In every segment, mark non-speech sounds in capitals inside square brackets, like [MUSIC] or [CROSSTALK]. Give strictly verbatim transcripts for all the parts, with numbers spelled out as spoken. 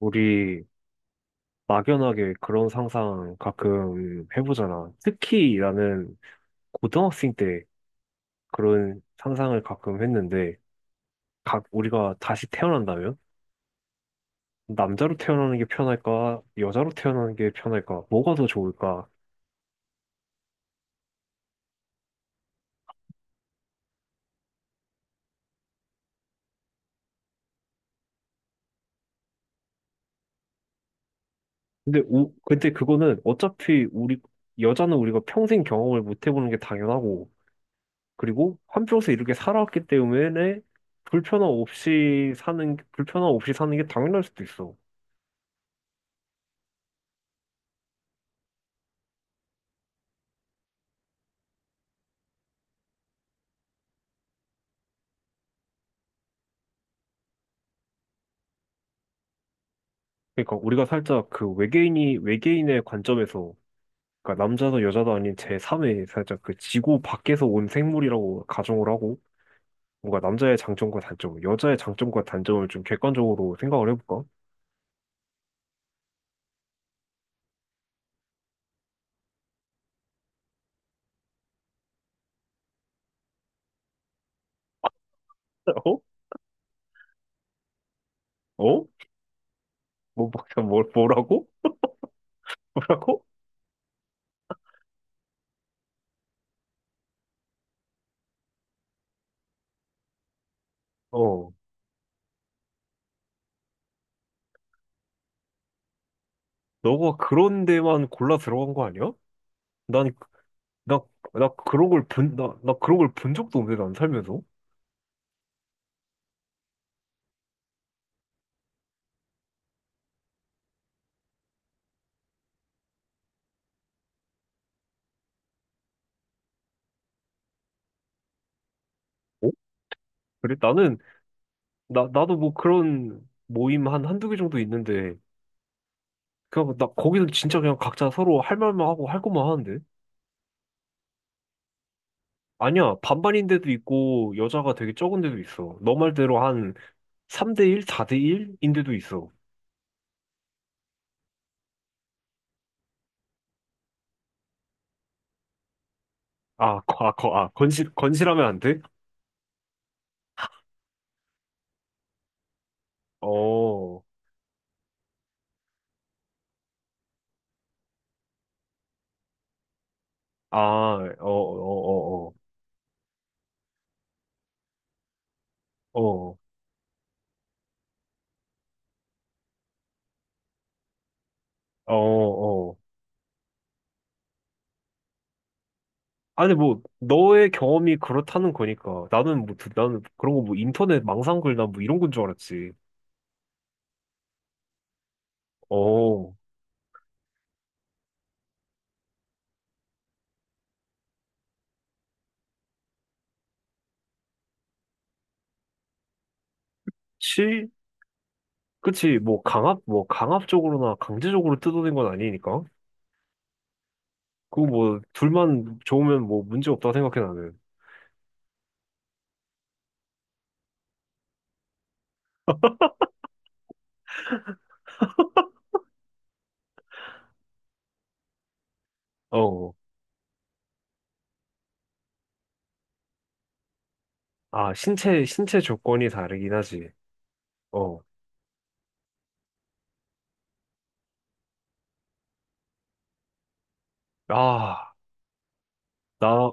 우리 막연하게 그런 상상 가끔 해보잖아. 특히 나는 고등학생 때 그런 상상을 가끔 했는데, 각 우리가 다시 태어난다면 남자로 태어나는 게 편할까, 여자로 태어나는 게 편할까, 뭐가 더 좋을까? 근데 우, 근데 그거는 어차피 우리 여자는 우리가 평생 경험을 못 해보는 게 당연하고, 그리고 한평생 이렇게 살아왔기 때문에 불편함 없이 사는 불편함 없이 사는 게 당연할 수도 있어. 그러니까 우리가 살짝 그 외계인이 외계인의 관점에서, 그러니까 남자도 여자도 아닌 제3의, 살짝 그 지구 밖에서 온 생물이라고 가정을 하고 뭔가 남자의 장점과 단점, 여자의 장점과 단점을 좀 객관적으로 생각을 해볼까? 어? 어? 뭐, 막 뭐- 뭐라고? [LAUGHS] 뭐라고? 어. 너가 그런 데만 골라 들어간 거 아니야? 난, 나, 나 그런 걸 본, 나, 나 그런 걸 본 적도 없는데, 난 살면서. 어? 그래? 나는, 나, 나도 뭐 그런 모임 한 한두 개 정도 있는데, 그냥 나 거기서 진짜 그냥 각자 서로 할 말만 하고 할 것만 하는데? 아니야, 반반인 데도 있고 여자가 되게 적은 데도 있어. 너 말대로 한 삼 대일, 사 대일인 데도 있어. 아, 거, 아, 거, 아, 건실, 건실하면 안 돼? 어, 아, 어, 어, 어, 어, 어, 어, 어. 어. 아니, 뭐 너의 경험이 그렇다는 거니까 나는 뭐 드- 나는 그런 거 뭐 인터넷 망상글 난뭐 이런 건 줄 알았지. 어, 치? 그치, 뭐, 강압, 뭐, 강압적으로나 강제적으로 뜯어낸 건 아니니까. 그거 뭐 둘만 좋으면 뭐 문제 없다 생각해 나는. 어. 아, 신체 신체 조건이 다르긴 하지. 어. 아, 나.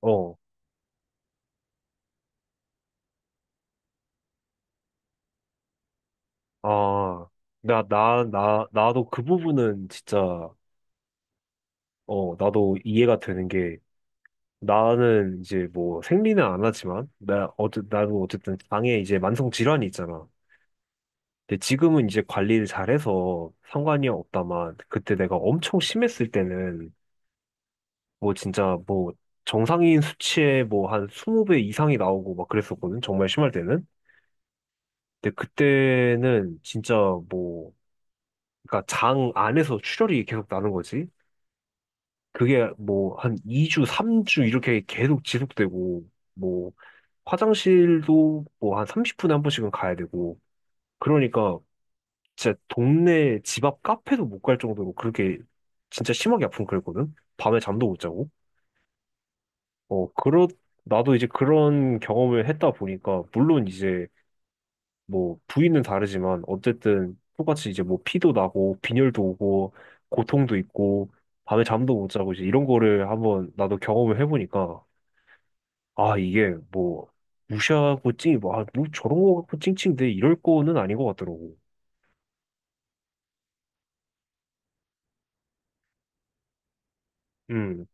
어. 아, 나 나 나 나도 그 부분은 진짜, 어, 나도 이해가 되는 게, 나는 이제 뭐 생리는 안 하지만 나 어쨌 나도 어쨌든 장에 이제 만성 질환이 있잖아. 근데 지금은 이제 관리를 잘해서 상관이 없다만 그때 내가 엄청 심했을 때는 뭐 진짜 뭐 정상인 수치에 뭐 한 이십 배 이상이 나오고 막 그랬었거든. 정말 심할 때는. 근데 그때는 진짜 뭐 그러니까 장 안에서 출혈이 계속 나는 거지. 그게 뭐 한 이 주, 삼 주 이렇게 계속 지속되고 뭐 화장실도 뭐 한 삼십 분에 한 번씩은 가야 되고. 그러니까 진짜 동네 집 앞 카페도 못 갈 정도로 그렇게 진짜 심하게 아픈 그랬거든. 밤에 잠도 못 자고. 어, 그렇, 나도 이제 그런 경험을 했다 보니까, 물론 이제 뭐 부위는 다르지만, 어쨌든 똑같이 이제 뭐 피도 나고, 빈혈도 오고, 고통도 있고, 밤에 잠도 못 자고, 이제 이런 거를 한번 나도 경험을 해보니까, 아, 이게 뭐, 무시하고 찡, 뭐, 아, 뭐 저런 거 갖고 찡찡대, 이럴 거는 아닌 것 같더라고. 음.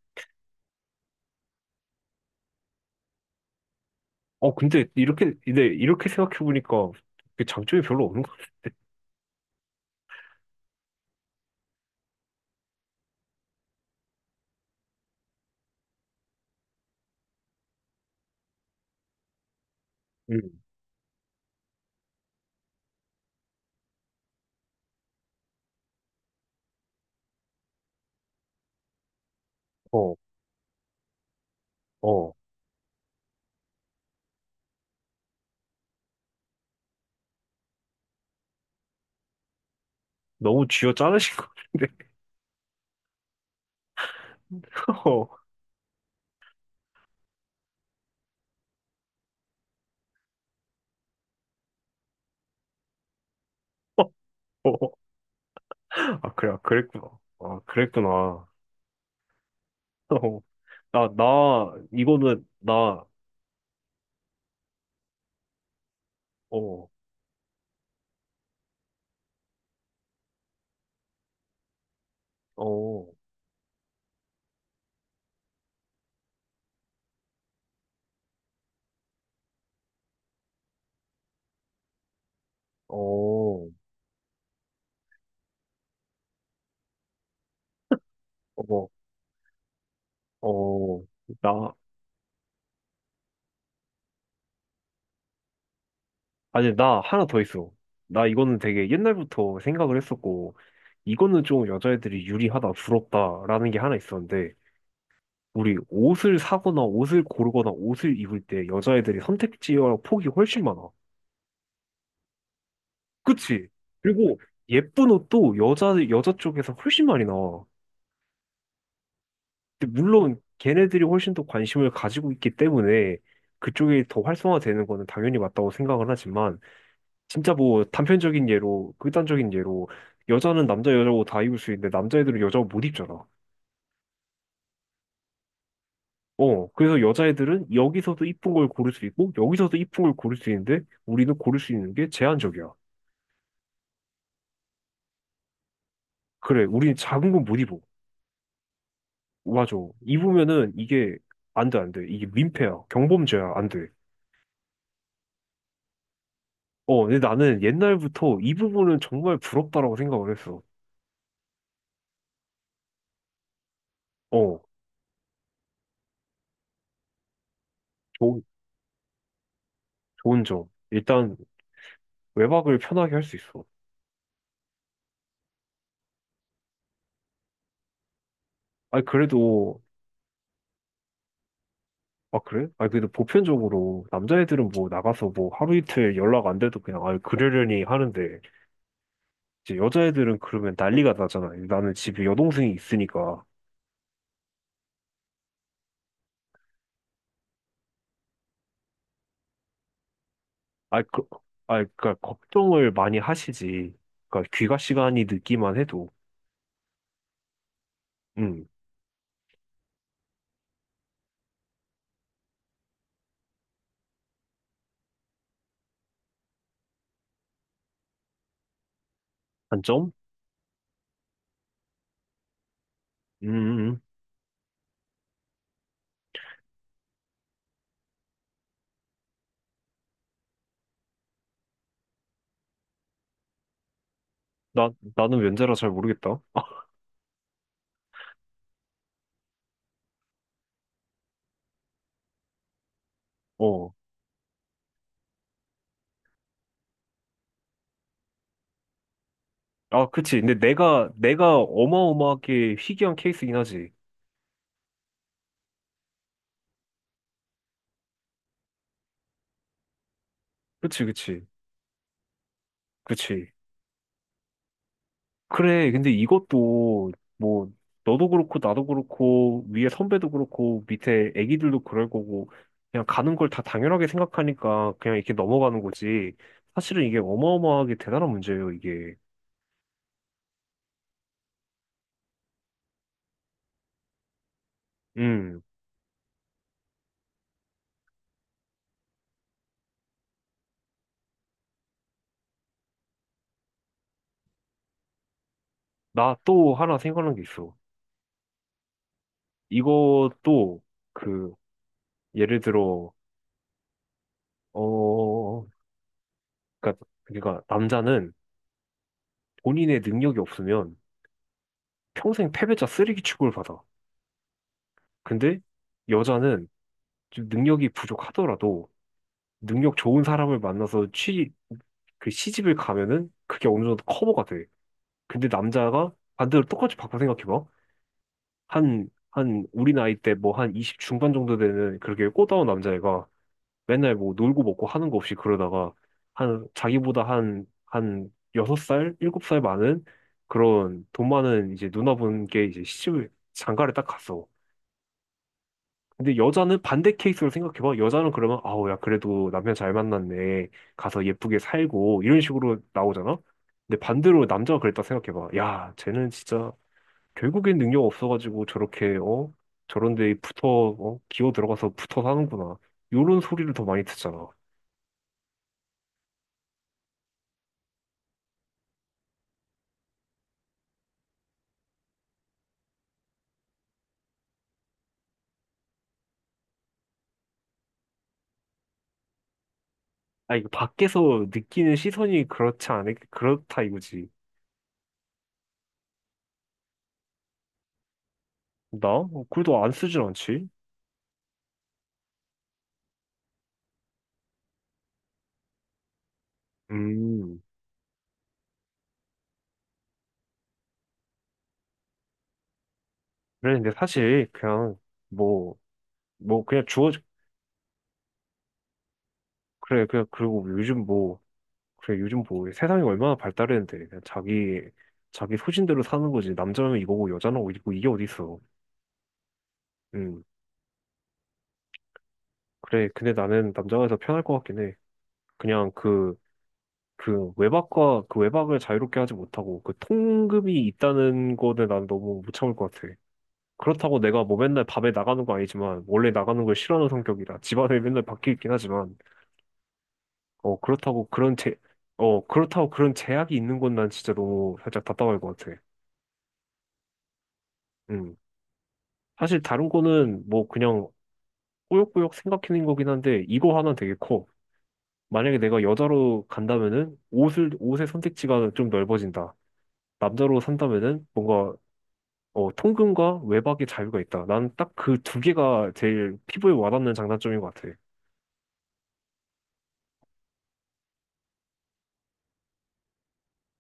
어, 근데 이렇게, 근데 이렇게 생각해보니까, 그 장점이 별로 없는 것 같은데. 음. 어, 어. 너무 쥐어 짜르신 것 같은데. [LAUGHS] 어. 아, 그래, 아, 그랬구나. 아, 그랬구나. [LAUGHS] 어, 나, 나, 이거는, 나, 어, 어, 어, 어, 어, 나, 아니, 나 하나 더 있어. 나 이거는 되게 옛날부터 생각을 했었고, 이거는 좀 여자애들이 유리하다, 부럽다라는 게 하나 있었는데, 우리 옷을 사거나 옷을 고르거나 옷을 입을 때 여자애들이 선택지와 폭이 훨씬 많아. 그치? 그리고 예쁜 옷도 여자, 여자 쪽에서 훨씬 많이 나와. 근데 물론 걔네들이 훨씬 더 관심을 가지고 있기 때문에 그쪽이 더 활성화되는 거는 당연히 맞다고 생각을 하지만, 진짜 뭐 단편적인 예로, 극단적인 예로, 여자는 남자 여자고 다 입을 수 있는데 남자애들은 여자고 못 입잖아. 어, 그래서 여자애들은 여기서도 이쁜 걸 고를 수 있고 여기서도 이쁜 걸 고를 수 있는데 우리는 고를 수 있는 게 제한적이야. 그래, 우리는 작은 건 못 입어. 맞아. 입으면은 이게 안 돼, 안 돼. 이게 민폐야. 경범죄야. 안 돼. 어, 근데 나는 옛날부터 이 부분은 정말 부럽다라고 생각을 했어. 어, 좋은, 좋은 점. 일단, 외박을 편하게 할 수 있어. 아, 그래도. 아, 그래? 아, 그래도 보편적으로 남자애들은 뭐 나가서 뭐 하루 이틀 연락 안 돼도 그냥, 아, 그러려니 하는데, 이제 여자애들은 그러면 난리가 나잖아. 나는 집에 여동생이 있으니까. 아, 그, 아, 그니까 걱정을 많이 하시지. 그니까 귀가 시간이 늦기만 해도. 음, 단점? 음, 음. 음. 나, 나는 면제라 잘 모르겠다. 어. 아, 그치. 근데 내가, 내가 어마어마하게 희귀한 케이스긴 하지. 그치, 그치, 그치. 그래. 근데 이것도, 뭐, 너도 그렇고, 나도 그렇고, 위에 선배도 그렇고, 밑에 애기들도 그럴 거고, 그냥 가는 걸 다 당연하게 생각하니까 그냥 이렇게 넘어가는 거지. 사실은 이게 어마어마하게 대단한 문제예요, 이게. 음, 나 또 하나 생각난 게 있어. 이것도, 그, 예를 들어, 어, 그니까, 그니까, 남자는 본인의 능력이 없으면 평생 패배자 쓰레기 취급을 받아. 근데 여자는 좀 능력이 부족하더라도 능력 좋은 사람을 만나서 취, 그 시집을 가면은 그게 어느 정도 커버가 돼. 근데 남자가 반대로 똑같이 바꿔 생각해봐. 한, 한, 우리 나이 때 뭐 한 이십 중반 정도 되는 그렇게 꽃다운 남자애가 맨날 뭐 놀고 먹고 하는 거 없이 그러다가 한, 자기보다 한, 한 여섯 살, 일곱 살 많은 그런 돈 많은 이제 누나분께 이제 시집을, 장가를 딱 갔어. 근데 여자는 반대 케이스로 생각해봐. 여자는 그러면, 아우, 야, 그래도 남편 잘 만났네. 가서 예쁘게 살고, 이런 식으로 나오잖아? 근데 반대로 남자가 그랬다 생각해봐. 야, 쟤는 진짜, 결국엔 능력 없어가지고 저렇게, 어? 저런 데 붙어, 어? 기어 들어가서 붙어 사는구나. 요런 소리를 더 많이 듣잖아. 아, 이거 밖에서 느끼는 시선이 그렇지 않을, 그렇다 이거지. 나? 어, 글도 안 쓰진 않지? 음. 그래, 근데 사실, 그냥, 뭐, 뭐, 그냥 주어, 그래, 그냥, 그리고 요즘 뭐, 그래, 요즘 뭐, 세상이 얼마나 발달했는데, 그냥 자기, 자기 소신대로 사는 거지. 남자면 이거고, 여자는 이거, 이게 어딨어. 음, 그래, 근데 나는 남자가 더 편할 것 같긴 해. 그냥 그, 그 외박과, 그 외박을 자유롭게 하지 못하고, 그 통금이 있다는 거는 난 너무 못 참을 것 같아. 그렇다고 내가 뭐 맨날 밤에 나가는 거 아니지만, 원래 나가는 걸 싫어하는 성격이라, 집안에 맨날 밖에 있긴 하지만, 어, 그렇다고 그런 제, 어, 그렇다고 그런 제약이 있는 건 난 진짜 너무 살짝 답답할 것 같아. 음. 사실 다른 거는 뭐 그냥 꾸역꾸역 생각해낸 거긴 한데 이거 하나 되게 커. 만약에 내가 여자로 간다면은 옷을 옷의 선택지가 좀 넓어진다. 남자로 산다면은 뭔가, 어, 통금과 외박의 자유가 있다. 난 딱 그 두 개가 제일 피부에 와닿는 장단점인 것 같아.